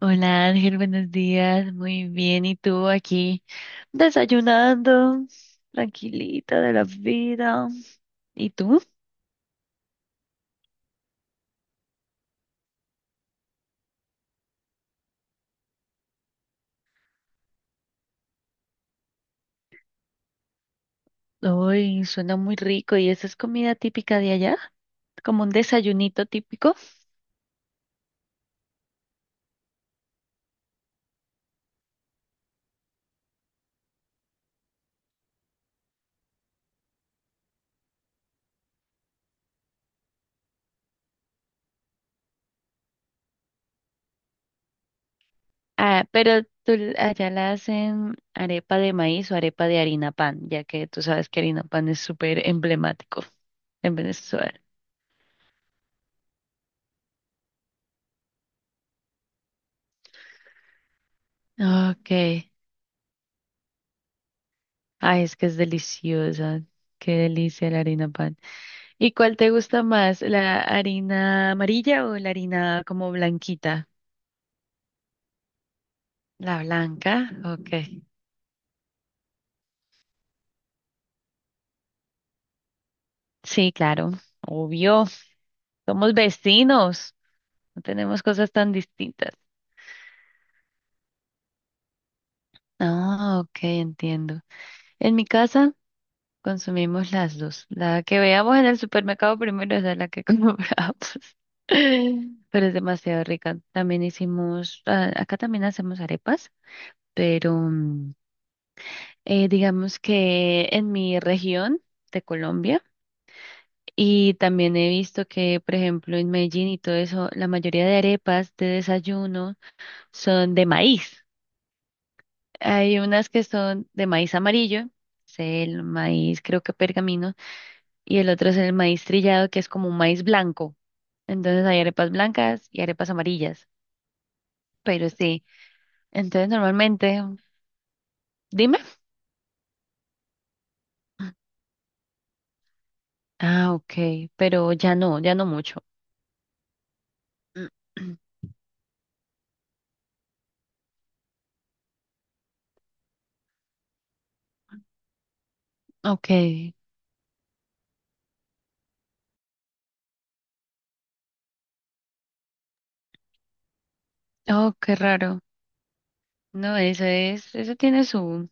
Hola Ángel, buenos días, muy bien. ¿Y tú aquí desayunando, tranquilita de la vida? ¿Y tú? Uy, suena muy rico. ¿Y esa es comida típica de allá? Como un desayunito típico. Ah, pero allá la hacen arepa de maíz o arepa de harina pan, ya que tú sabes que harina pan es súper emblemático en Venezuela. Ok. Ay, es que es deliciosa. Qué delicia la harina pan. ¿Y cuál te gusta más, la harina amarilla o la harina como blanquita? La blanca, ok. Sí, claro, obvio. Somos vecinos, no tenemos cosas tan distintas. Ah, ok, entiendo. En mi casa consumimos las dos. La que veamos en el supermercado primero es la que compramos. Pero es demasiado rica. También hicimos, ah, acá también hacemos arepas, pero digamos que en mi región de Colombia y también he visto que, por ejemplo, en Medellín y todo eso, la mayoría de arepas de desayuno son de maíz. Hay unas que son de maíz amarillo, es el maíz creo que pergamino, y el otro es el maíz trillado que es como un maíz blanco. Entonces hay arepas blancas y arepas amarillas, pero sí, entonces normalmente, dime. Ah, ok, pero ya no, ya no mucho. Ok. Oh, qué raro. No, eso tiene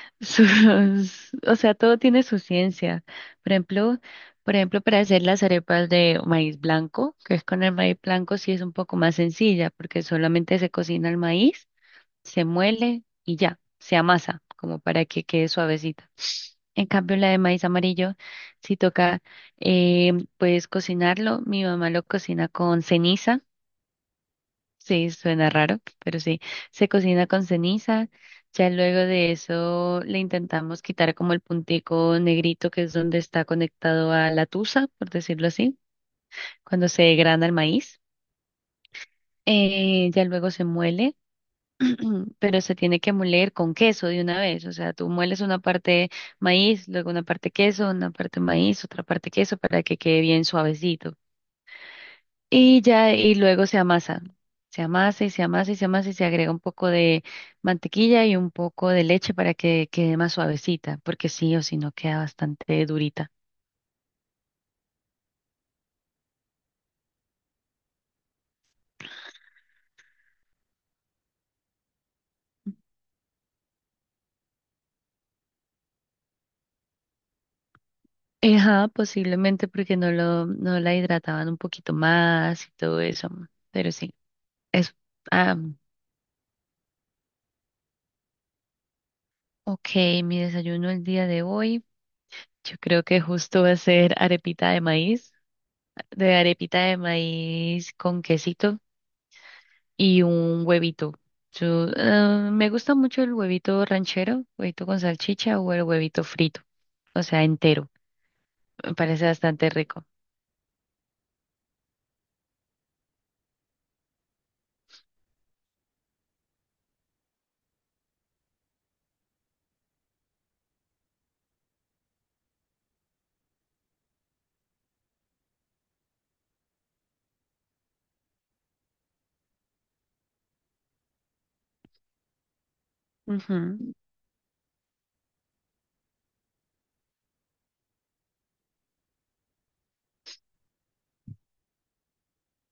sus, o sea, todo tiene su ciencia. Por ejemplo, por ejemplo, para hacer las arepas de maíz blanco, que es con el maíz blanco, sí es un poco más sencilla, porque solamente se cocina el maíz, se muele y ya, se amasa, como para que quede suavecita. En cambio, la de maíz amarillo, si toca, pues cocinarlo. Mi mamá lo cocina con ceniza. Sí, suena raro, pero sí, se cocina con ceniza. Ya luego de eso le intentamos quitar como el puntico negrito que es donde está conectado a la tusa, por decirlo así, cuando se grana el maíz. Ya luego se muele, pero se tiene que moler con queso de una vez. O sea, tú mueles una parte maíz, luego una parte queso, una parte maíz, otra parte queso para que quede bien suavecito. Y ya, y luego se amasa. Se amasa y se amasa y se amasa y se agrega un poco de mantequilla y un poco de leche para que quede más suavecita, porque sí o sí no queda bastante durita. Ajá, posiblemente porque no la hidrataban un poquito más y todo eso. Pero sí, es, ah, ok, mi desayuno el día de hoy. Yo creo que justo va a ser arepita de maíz, de arepita de maíz con quesito y un huevito. Yo, me gusta mucho el huevito ranchero, huevito con salchicha o el huevito frito, o sea, entero. Me parece bastante rico. Ujú.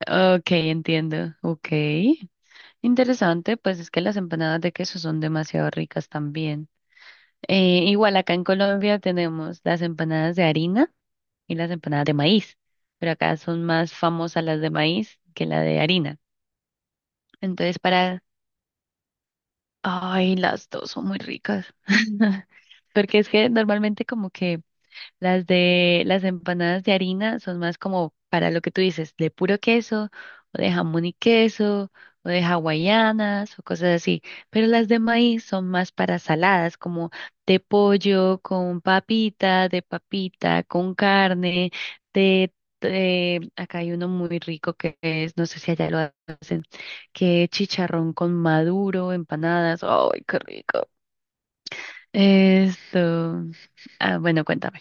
Ok, entiendo. Ok. Interesante, pues es que las empanadas de queso son demasiado ricas también. Igual acá en Colombia tenemos las empanadas de harina y las empanadas de maíz, pero acá son más famosas las de maíz que la de harina. Entonces, para... Ay, las dos son muy ricas. Porque es que normalmente como que las empanadas de harina son más como para lo que tú dices, de puro queso, o de jamón y queso, o de hawaianas, o cosas así. Pero las de maíz son más para saladas, como de pollo, con papita, de papita, con carne, de, acá hay uno muy rico que es, no sé si que es chicharrón con maduro, empanadas, ¡ay, qué rico! Esto, ah, bueno, cuéntame.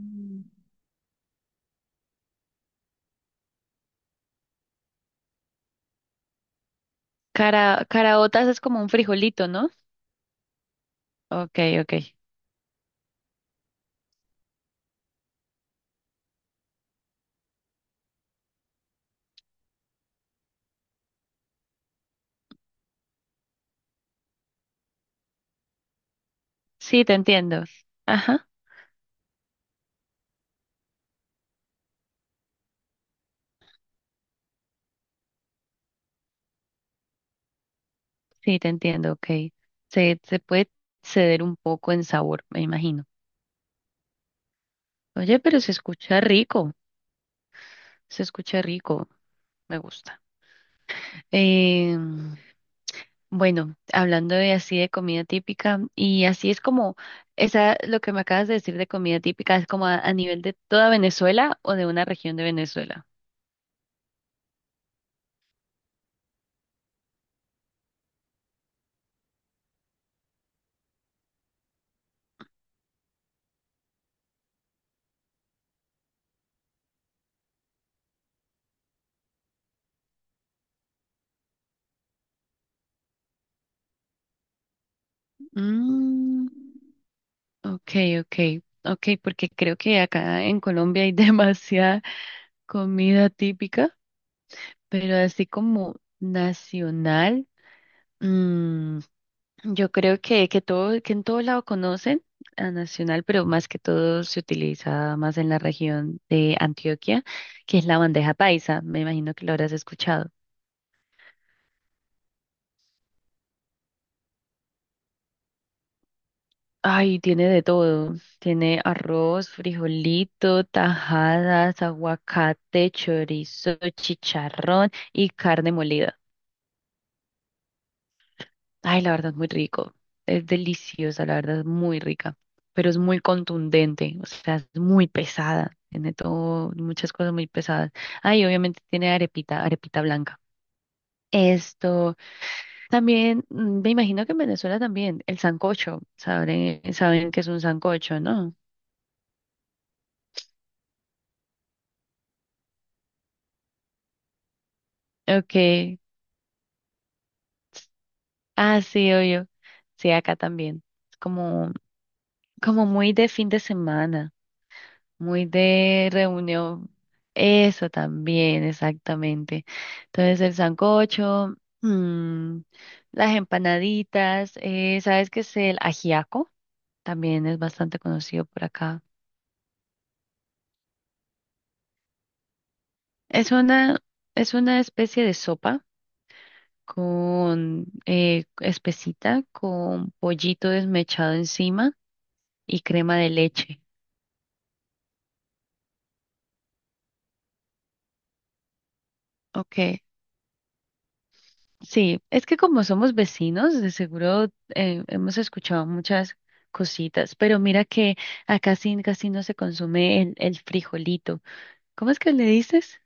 Mm. Cara, caraotas es como un frijolito, ¿no? Ok, ok. Sí, te entiendo. Ajá, sí, te entiendo, ok. Se puede ceder un poco en sabor, me imagino. Oye, pero se escucha rico, me gusta. Em, bueno, hablando de así de comida típica, y así es como, esa, lo que me acabas de decir de comida típica es como a nivel de toda Venezuela o de una región de Venezuela. Mm. Okay, okay, okay, porque creo que acá en Colombia hay demasiada comida típica, pero así como nacional, mm, yo creo que en todo lado conocen a nacional, pero más que todo se utiliza más en la región de Antioquia, que es la bandeja paisa. Me imagino que lo habrás escuchado. Ay, tiene de todo. Tiene arroz, frijolito, tajadas, aguacate, chorizo, chicharrón y carne molida. Ay, la verdad es muy rico. Es deliciosa, la verdad es muy rica. Pero es muy contundente, o sea, es muy pesada. Tiene todo, muchas cosas muy pesadas. Ay, obviamente tiene arepita, arepita blanca. Esto también, me imagino que en Venezuela también, el sancocho, saben que es un sancocho, ¿no? Ok. Ah, sí, yo sí, acá también. Es como, como muy de fin de semana, muy de reunión. Eso también, exactamente. Entonces, el sancocho, mm, las empanaditas, ¿sabes qué es el ajiaco? También es bastante conocido por acá. Es una, es una especie de sopa con espesita, con pollito desmechado encima y crema de leche. Ok. Sí, es que como somos vecinos, de seguro hemos escuchado muchas cositas, pero mira que acá sí casi no se consume el frijolito. ¿Cómo es que le dices?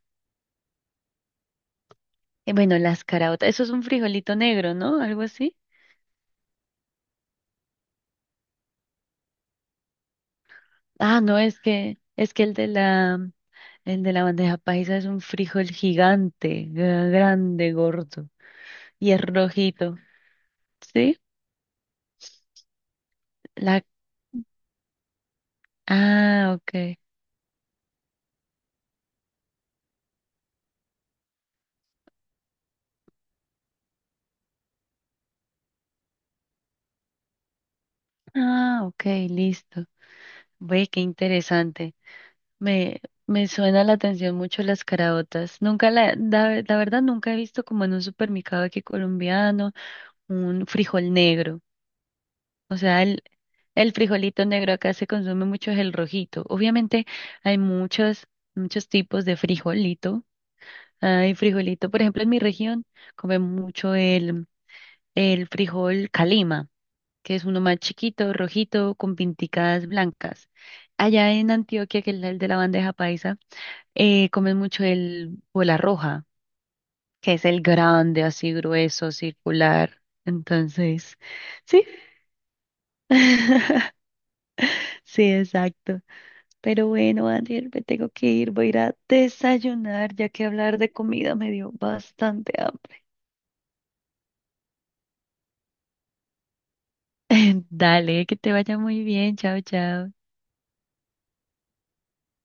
Bueno, las caraotas, eso es un frijolito negro, ¿no? Algo así. Ah, no, es que el de la bandeja paisa es un frijol gigante, grande, gordo y es rojito, ¿sí? La ah, ok. Ah, ok, listo. Ve, qué interesante. Me, me suena la atención mucho las caraotas. Nunca la verdad nunca he visto como en un supermercado aquí colombiano un frijol negro. O sea, el frijolito negro acá se consume mucho es el rojito. Obviamente hay muchos, muchos tipos de frijolito. Hay frijolito, por ejemplo, en mi región comen mucho el frijol calima, que es uno más chiquito, rojito, con pinticas blancas. Allá en Antioquia, que es el de la bandeja paisa. Comen mucho el bola roja, que es el grande, así grueso, circular. Entonces, sí. Sí, exacto. Pero bueno, Daniel, me tengo que ir, voy a ir a desayunar, ya que hablar de comida me dio bastante hambre. Dale, que te vaya muy bien. Chao, chao.